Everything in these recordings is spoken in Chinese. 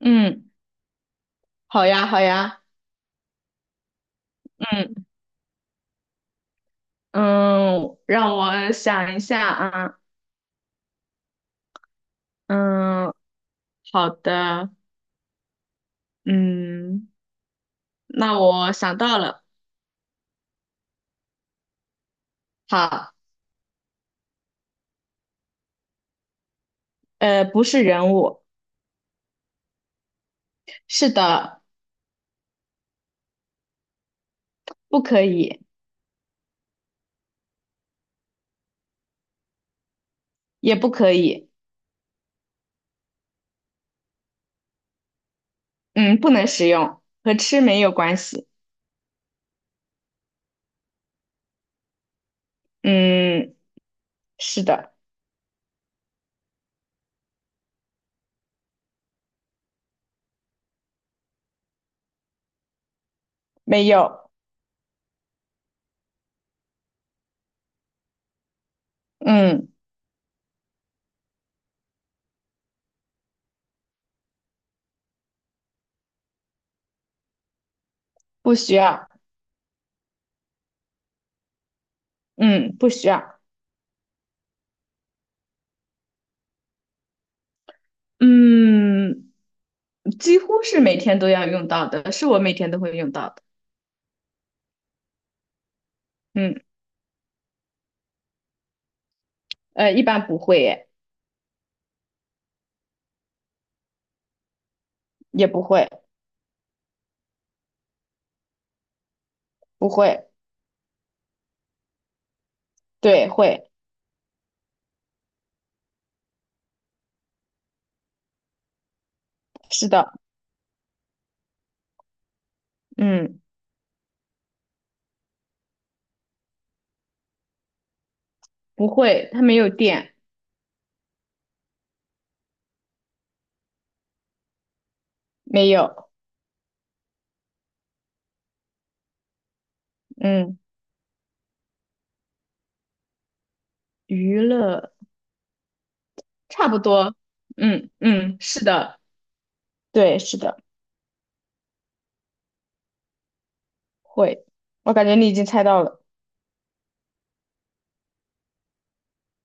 嗯，好呀，好呀，嗯嗯，让我想一下啊。嗯，好的。嗯，那我想到了。好。不是人物。是的。不可以。也不可以。嗯，不能使用，和吃没有关系。嗯，是的。没有。嗯，不需要。嗯，不需要。嗯，几乎是每天都要用到的，是我每天都会用到的。嗯。一般不会耶。也不会。不会。对，会。是的。嗯，不会，它没有电。没有。嗯，娱乐差不多。嗯嗯，是的。对，是的。会。我感觉你已经猜到了。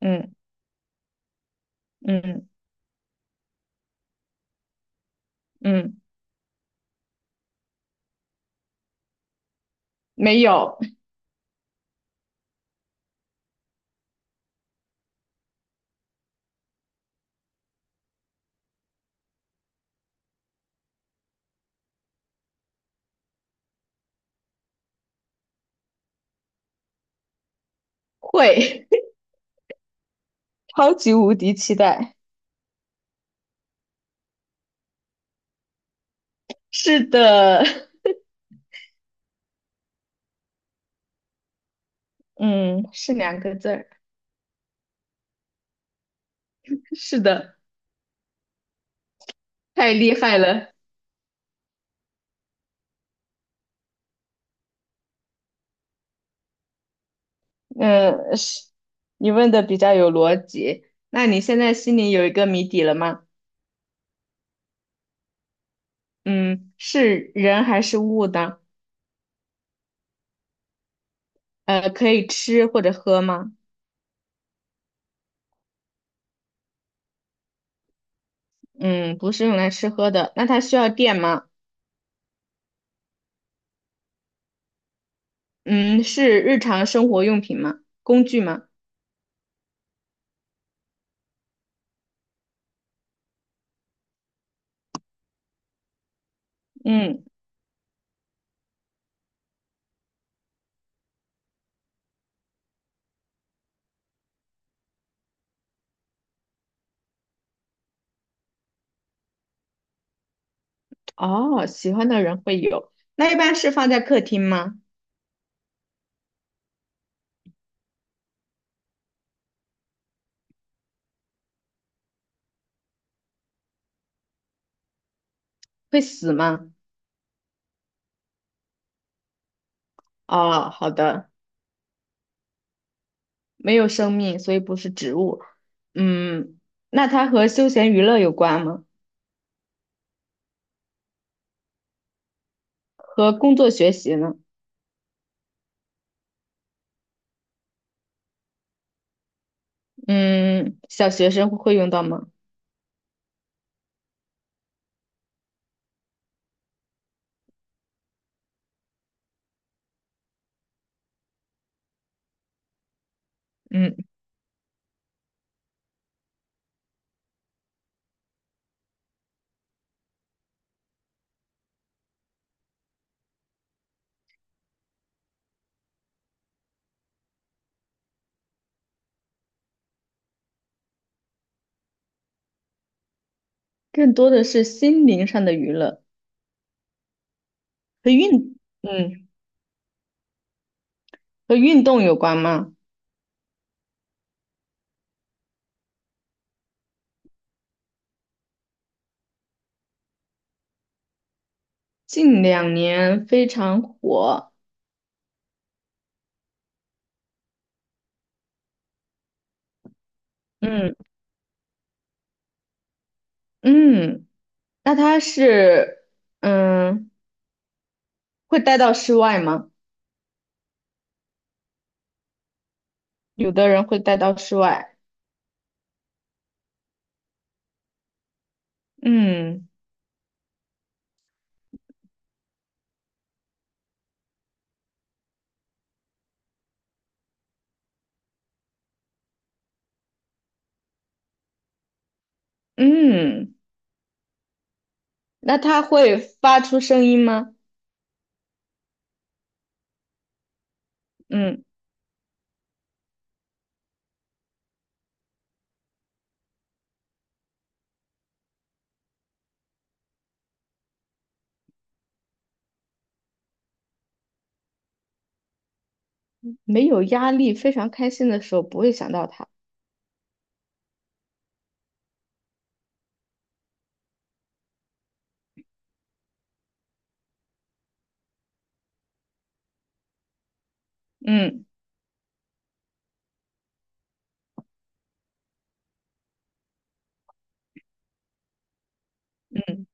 嗯嗯嗯。没有。会。超级无敌期待。是的。嗯，是两个字儿。是的。太厉害了。嗯，是，你问的比较有逻辑。那你现在心里有一个谜底了吗？嗯，是人还是物的？可以吃或者喝吗？嗯，不是用来吃喝的。那它需要电吗？嗯，是日常生活用品吗？工具吗？嗯，哦，喜欢的人会有。那一般是放在客厅吗？会死吗？哦，好的。没有生命，所以不是植物。嗯，那它和休闲娱乐有关吗？和工作学习呢？嗯，小学生会用到吗？嗯，更多的是心灵上的娱乐。和运，和运动有关吗？近两年非常火。嗯嗯，那它是，嗯，会带到室外吗？有的人会带到室外。嗯嗯，那它会发出声音吗？嗯，没有压力，非常开心的时候不会想到它。嗯嗯，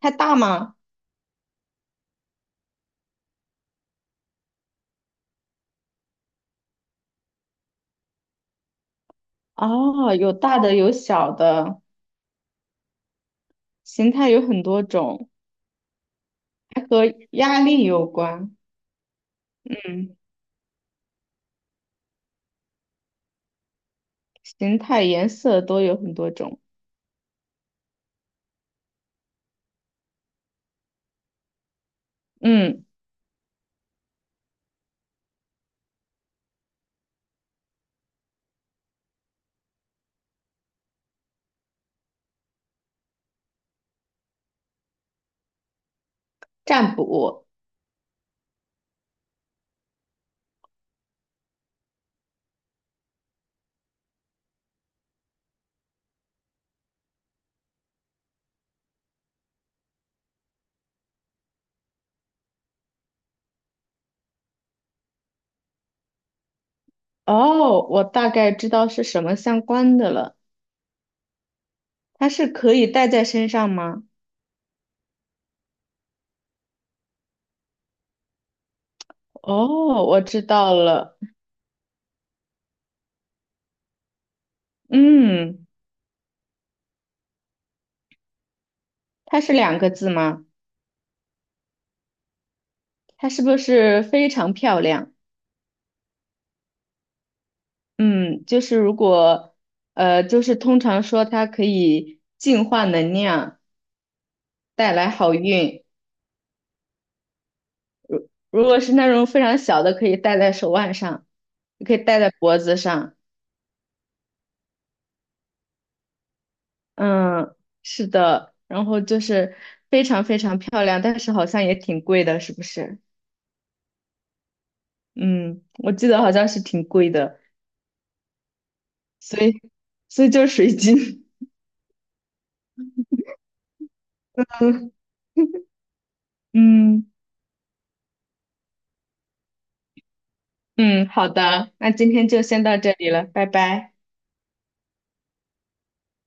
它大吗？哦，有大的有小的，形态有很多种，还和压力有关。嗯，形态、颜色都有很多种。嗯，占卜。哦，我大概知道是什么相关的了。它是可以戴在身上吗？哦，我知道了。嗯，它是两个字吗？它是不是非常漂亮？嗯，就是如果，就是通常说它可以净化能量，带来好运。如果是那种非常小的，可以戴在手腕上，也可以戴在脖子上。嗯，是的。然后就是非常非常漂亮，但是好像也挺贵的，是不是？嗯，我记得好像是挺贵的，所以所以就是水晶。嗯嗯嗯，好的，那今天就先到这里了，拜拜。